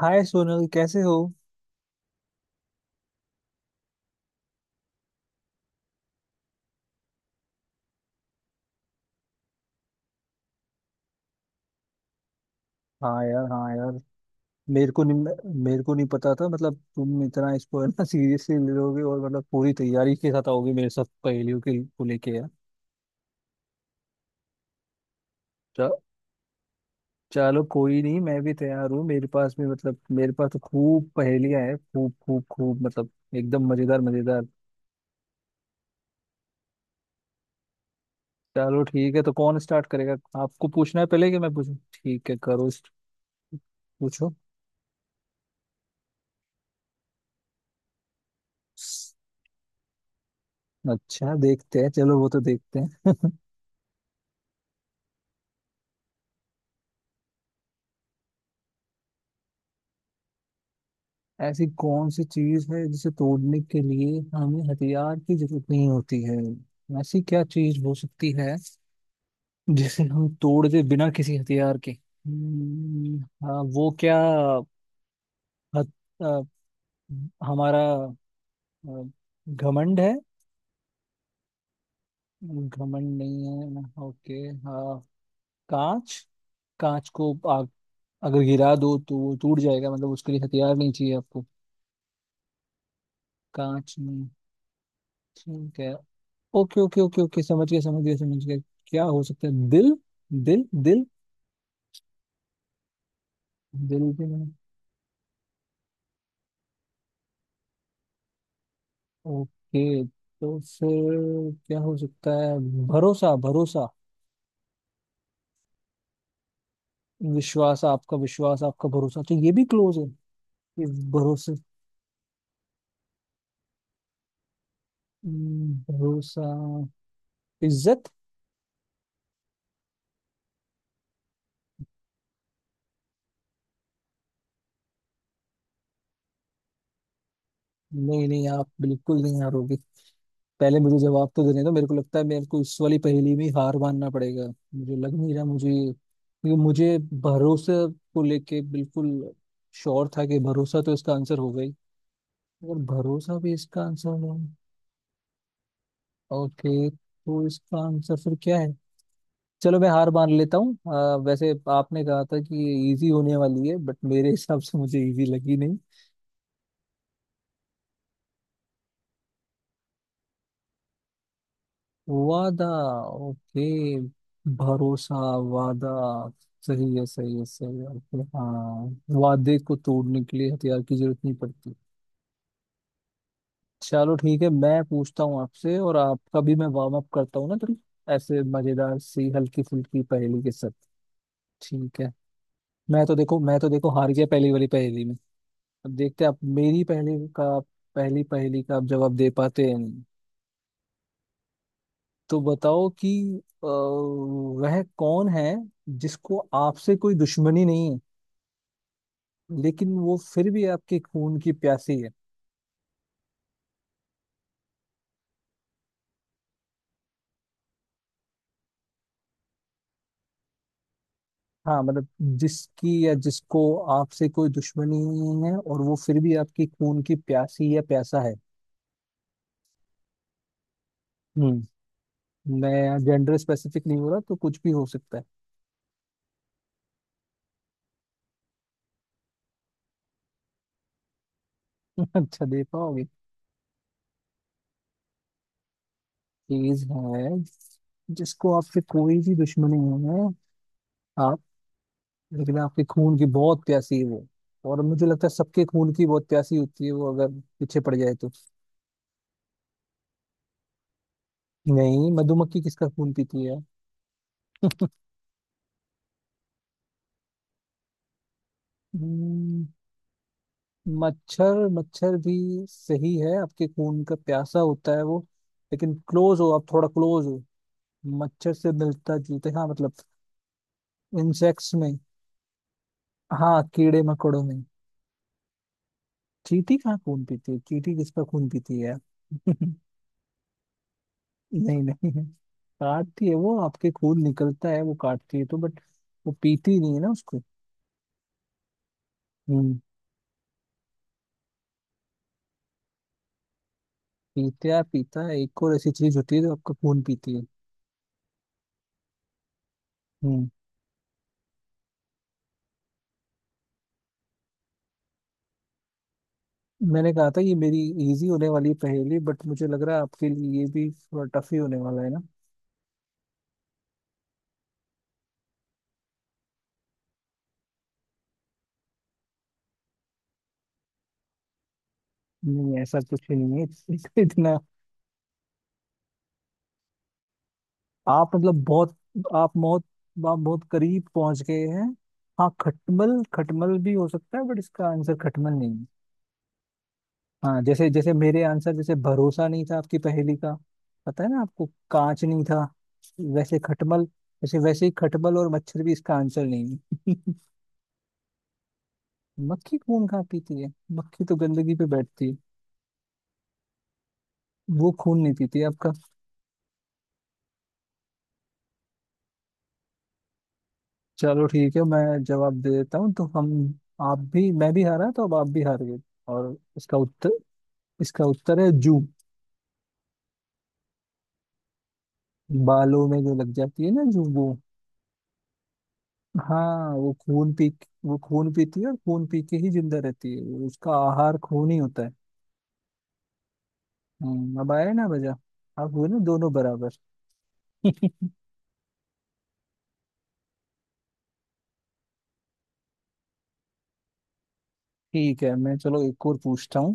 हाय सोनल, कैसे हो? हाँ यार, हाँ यार। मेरे को नहीं पता था, मतलब तुम इतना इसको है ना सीरियसली ले लोगे और मतलब पूरी तैयारी के साथ आओगे मेरे साथ पहेलियों के को लेके यार। च- चलो कोई नहीं, मैं भी तैयार हूँ, मेरे पास भी, मतलब मेरे पास तो खूब पहेलियां हैं, खूब खूब खूब, मतलब एकदम मजेदार मजेदार। चलो ठीक है, तो कौन स्टार्ट करेगा? आपको पूछना है पहले कि मैं पूछूं? ठीक है, करो। पूछो। अच्छा देखते हैं, चलो वो तो देखते हैं। ऐसी कौन सी चीज है जिसे तोड़ने के लिए हमें हथियार की जरूरत नहीं होती है? ऐसी क्या चीज हो सकती है जिसे हम तोड़ दे बिना किसी हथियार के? हाँ, वो क्या? हथ, अ, हमारा अ, घमंड है? घमंड नहीं है, ओके। हाँ, कांच। कांच को आप अगर गिरा दो तो वो टूट जाएगा, मतलब उसके लिए हथियार नहीं चाहिए आपको। कांच में ठीक है। ओके ओके ओके ओके, समझ गया समझ गया समझ गया। क्या हो सकता है, दिल? दिल, दिल। दिल भी नहीं? ओके, तो फिर क्या हो सकता है? भरोसा, भरोसा? विश्वास, आपका विश्वास, आपका भरोसा, तो ये भी क्लोज है? ये भरोसे, भरोसा? इज्जत? नहीं नहीं, आप बिल्कुल नहीं हारोगे। पहले मुझे जवाब तो देने दो, मेरे को लगता है मेरे को इस वाली पहेली में हार मानना पड़ेगा। मुझे लग नहीं रहा, मुझे, क्योंकि मुझे भरोसे को लेके बिल्कुल श्योर था कि भरोसा तो इसका आंसर होगा ही। अगर भरोसा भी इसका आंसर हो। ओके, तो इसका आंसर फिर क्या है? चलो, मैं हार मान लेता हूँ। वैसे आपने कहा था कि ये इजी होने वाली है, बट मेरे हिसाब से मुझे इजी लगी नहीं। वादा? ओके। भरोसा, वादा। सही है सही है सही है, okay, हाँ, वादे को तोड़ने के लिए हथियार की जरूरत नहीं पड़ती। चलो ठीक है, मैं पूछता हूँ आपसे, और आपका भी मैं वार्म अप करता हूँ ना थोड़ी, ऐसे मजेदार सी हल्की फुल्की पहेली के साथ। ठीक है। मैं तो देखो हार गया पहली वाली पहेली में, अब देखते हैं आप मेरी पहली पहेली का आप जवाब दे पाते हैं। तो बताओ कि वह कौन है जिसको आपसे कोई दुश्मनी नहीं है, लेकिन वो फिर भी आपके खून की प्यासी है? हाँ, मतलब जिसकी या जिसको आपसे कोई दुश्मनी नहीं है और वो फिर भी आपकी खून की प्यासी या प्यासा है। हम्म मैं जेंडर स्पेसिफिक नहीं हो रहा, तो कुछ भी हो सकता है। अच्छा, दे पाओगे? चीज है जिसको आपसे कोई भी दुश्मनी नहीं है आप, लेकिन आपके खून की बहुत प्यासी है वो, और मुझे लगता है सबके खून की बहुत प्यासी होती है वो अगर पीछे पड़ जाए तो। नहीं, मधुमक्खी किसका खून पीती है? हम्म, मच्छर, मच्छर भी सही है, आपके खून का प्यासा होता है वो, लेकिन क्लोज हो आप, थोड़ा क्लोज हो। मच्छर से मिलता जुलता, हाँ मतलब इंसेक्ट्स में। हाँ, कीड़े मकोड़ों में। चींटी कहाँ खून पीती है, चींटी किसका खून पीती है? नहीं, नहीं है। काटती है, वो आपके खून निकलता है वो काटती है तो, बट वो पीती नहीं है ना उसको। हम्म पीता पीता है, एक और ऐसी चीज होती है जो आपका खून पीती है। हम्म मैंने कहा था ये मेरी इजी होने वाली पहेली, बट मुझे लग रहा है आपके लिए ये भी थोड़ा टफ ही होने वाला है ना। नहीं, ऐसा कुछ ही नहीं है। इतना आप मतलब बहुत, आप बहुत आप बहुत करीब पहुंच गए हैं। हाँ, खटमल, खटमल भी हो सकता है, बट इसका आंसर खटमल नहीं। हाँ, जैसे जैसे मेरे आंसर जैसे भरोसा नहीं था आपकी पहेली का, पता है ना आपको, कांच नहीं था, वैसे खटमल जैसे वैसे ही खटमल और मच्छर भी इसका आंसर नहीं है। मक्खी खून कहाँ पीती है, मक्खी तो गंदगी पे बैठती है, वो खून नहीं पीती है आपका। चलो ठीक है, मैं जवाब दे देता हूँ तो हम, आप भी मैं भी हारा, तो अब आप भी हार गए। और इसका उत्तर है जू। बालों में जो लग जाती है ना जू वो। हाँ, वो खून पीती है और खून पी के ही जिंदा रहती है वो, उसका आहार खून ही होता है। अब आया ना मजा, अब हुए ना दोनों बराबर। ठीक है, मैं चलो एक और पूछता हूँ।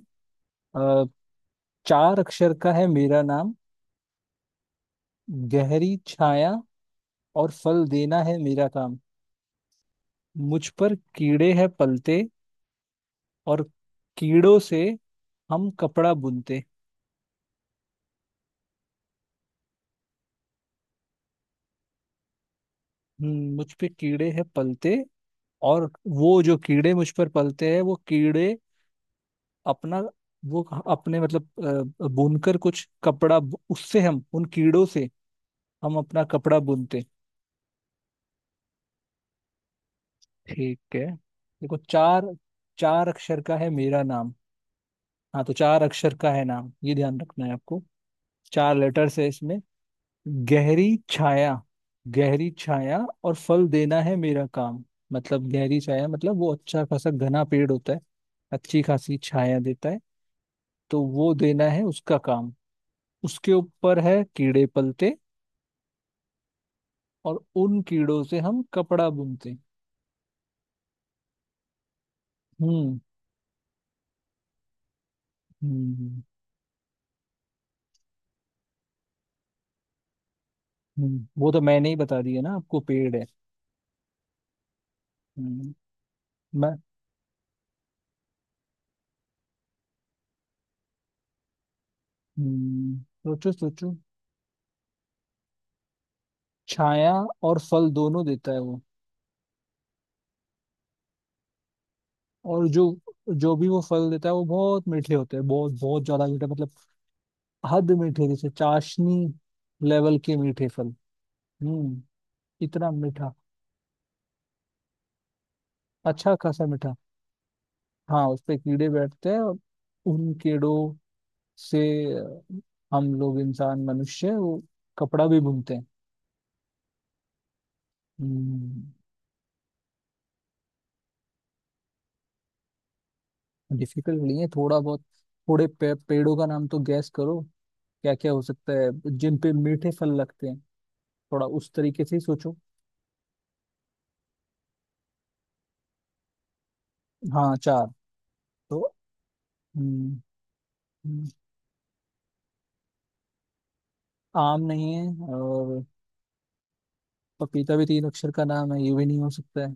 अ, चार अक्षर का है मेरा नाम, गहरी छाया, और फल देना है मेरा काम, मुझ पर कीड़े हैं पलते, और कीड़ों से हम कपड़ा बुनते। मुझ पे कीड़े हैं पलते, और वो जो कीड़े मुझ पर पलते हैं, वो कीड़े अपना, वो अपने मतलब बुनकर कुछ कपड़ा उससे हम उन कीड़ों से हम अपना कपड़ा बुनते। ठीक है, देखो चार, चार अक्षर का है मेरा नाम, हाँ तो चार अक्षर का है नाम, ये ध्यान रखना है आपको। चार लेटर्स है इसमें। गहरी छाया, गहरी छाया और फल देना है मेरा काम, मतलब गहरी छाया मतलब वो अच्छा खासा घना पेड़ होता है, अच्छी खासी छाया देता है, तो वो देना है उसका काम, उसके ऊपर है कीड़े पलते, और उन कीड़ों से हम कपड़ा बुनते हैं। हम्म। हम्म। वो तो मैंने ही बता दिया ना आपको, पेड़ है। हम्म, मैं। हम्म, सोचो सोचो। छाया और फल दोनों देता है वो, और जो जो भी वो फल देता है वो बहुत मीठे होते हैं, बहुत बहुत ज्यादा मीठे, मतलब हद मीठे, जैसे चाशनी लेवल के मीठे फल। हम्म। इतना मीठा, अच्छा खासा मीठा। हाँ, उस पे कीड़े बैठते हैं और उन कीड़ों से हम लोग, इंसान मनुष्य, वो कपड़ा भी बुनते हैं। डिफिकल्ट नहीं है थोड़ा बहुत, पेड़ों का नाम तो गैस करो, क्या क्या हो सकता है जिन पे मीठे फल लगते हैं, थोड़ा उस तरीके से ही सोचो। हाँ, चार तो, हम्म, हम्म, आम नहीं है, और पपीता भी तीन अक्षर का नाम है, ये भी नहीं हो सकता है।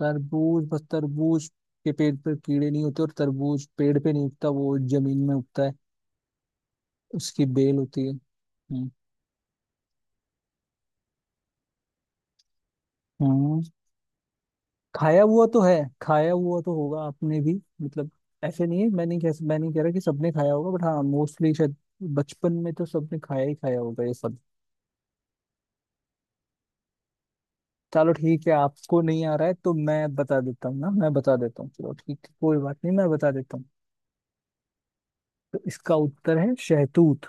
तरबूज, बस तरबूज के पेड़ पर कीड़े नहीं होते, और तरबूज पेड़ पे नहीं उगता, वो जमीन में उगता है, उसकी बेल होती है। हम्म, खाया हुआ तो है, खाया हुआ तो होगा आपने भी, मतलब ऐसे नहीं है, मैं नहीं कह रहा कि सबने खाया होगा, बट हाँ मोस्टली शायद बचपन में तो सबने खाया ही खाया होगा ये सब। चलो ठीक है, आपको नहीं आ रहा है तो मैं बता देता हूँ ना, मैं बता देता हूँ, चलो ठीक है कोई बात नहीं, मैं बता देता हूँ। तो इसका उत्तर है शहतूत।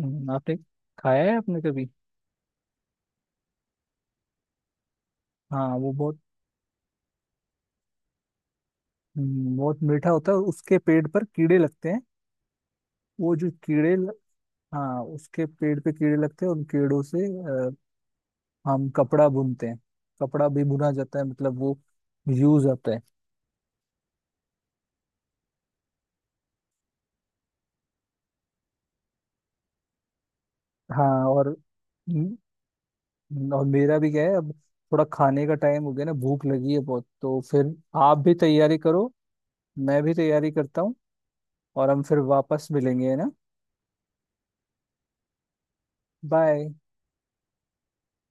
आपने खाया है आपने कभी? हाँ, वो बहुत, बहुत मीठा होता है और उसके पेड़ पर कीड़े लगते हैं, वो जो कीड़े ल- हाँ उसके पेड़ पे कीड़े लगते हैं, उन कीड़ों से हम कपड़ा बुनते हैं, कपड़ा भी बुना जाता है, मतलब वो यूज आता है। हाँ, और मेरा भी क्या है अब, थोड़ा खाने का टाइम हो गया ना, भूख लगी है बहुत, तो फिर आप भी तैयारी करो, मैं भी तैयारी करता हूँ और हम फिर वापस मिलेंगे है ना। बाय।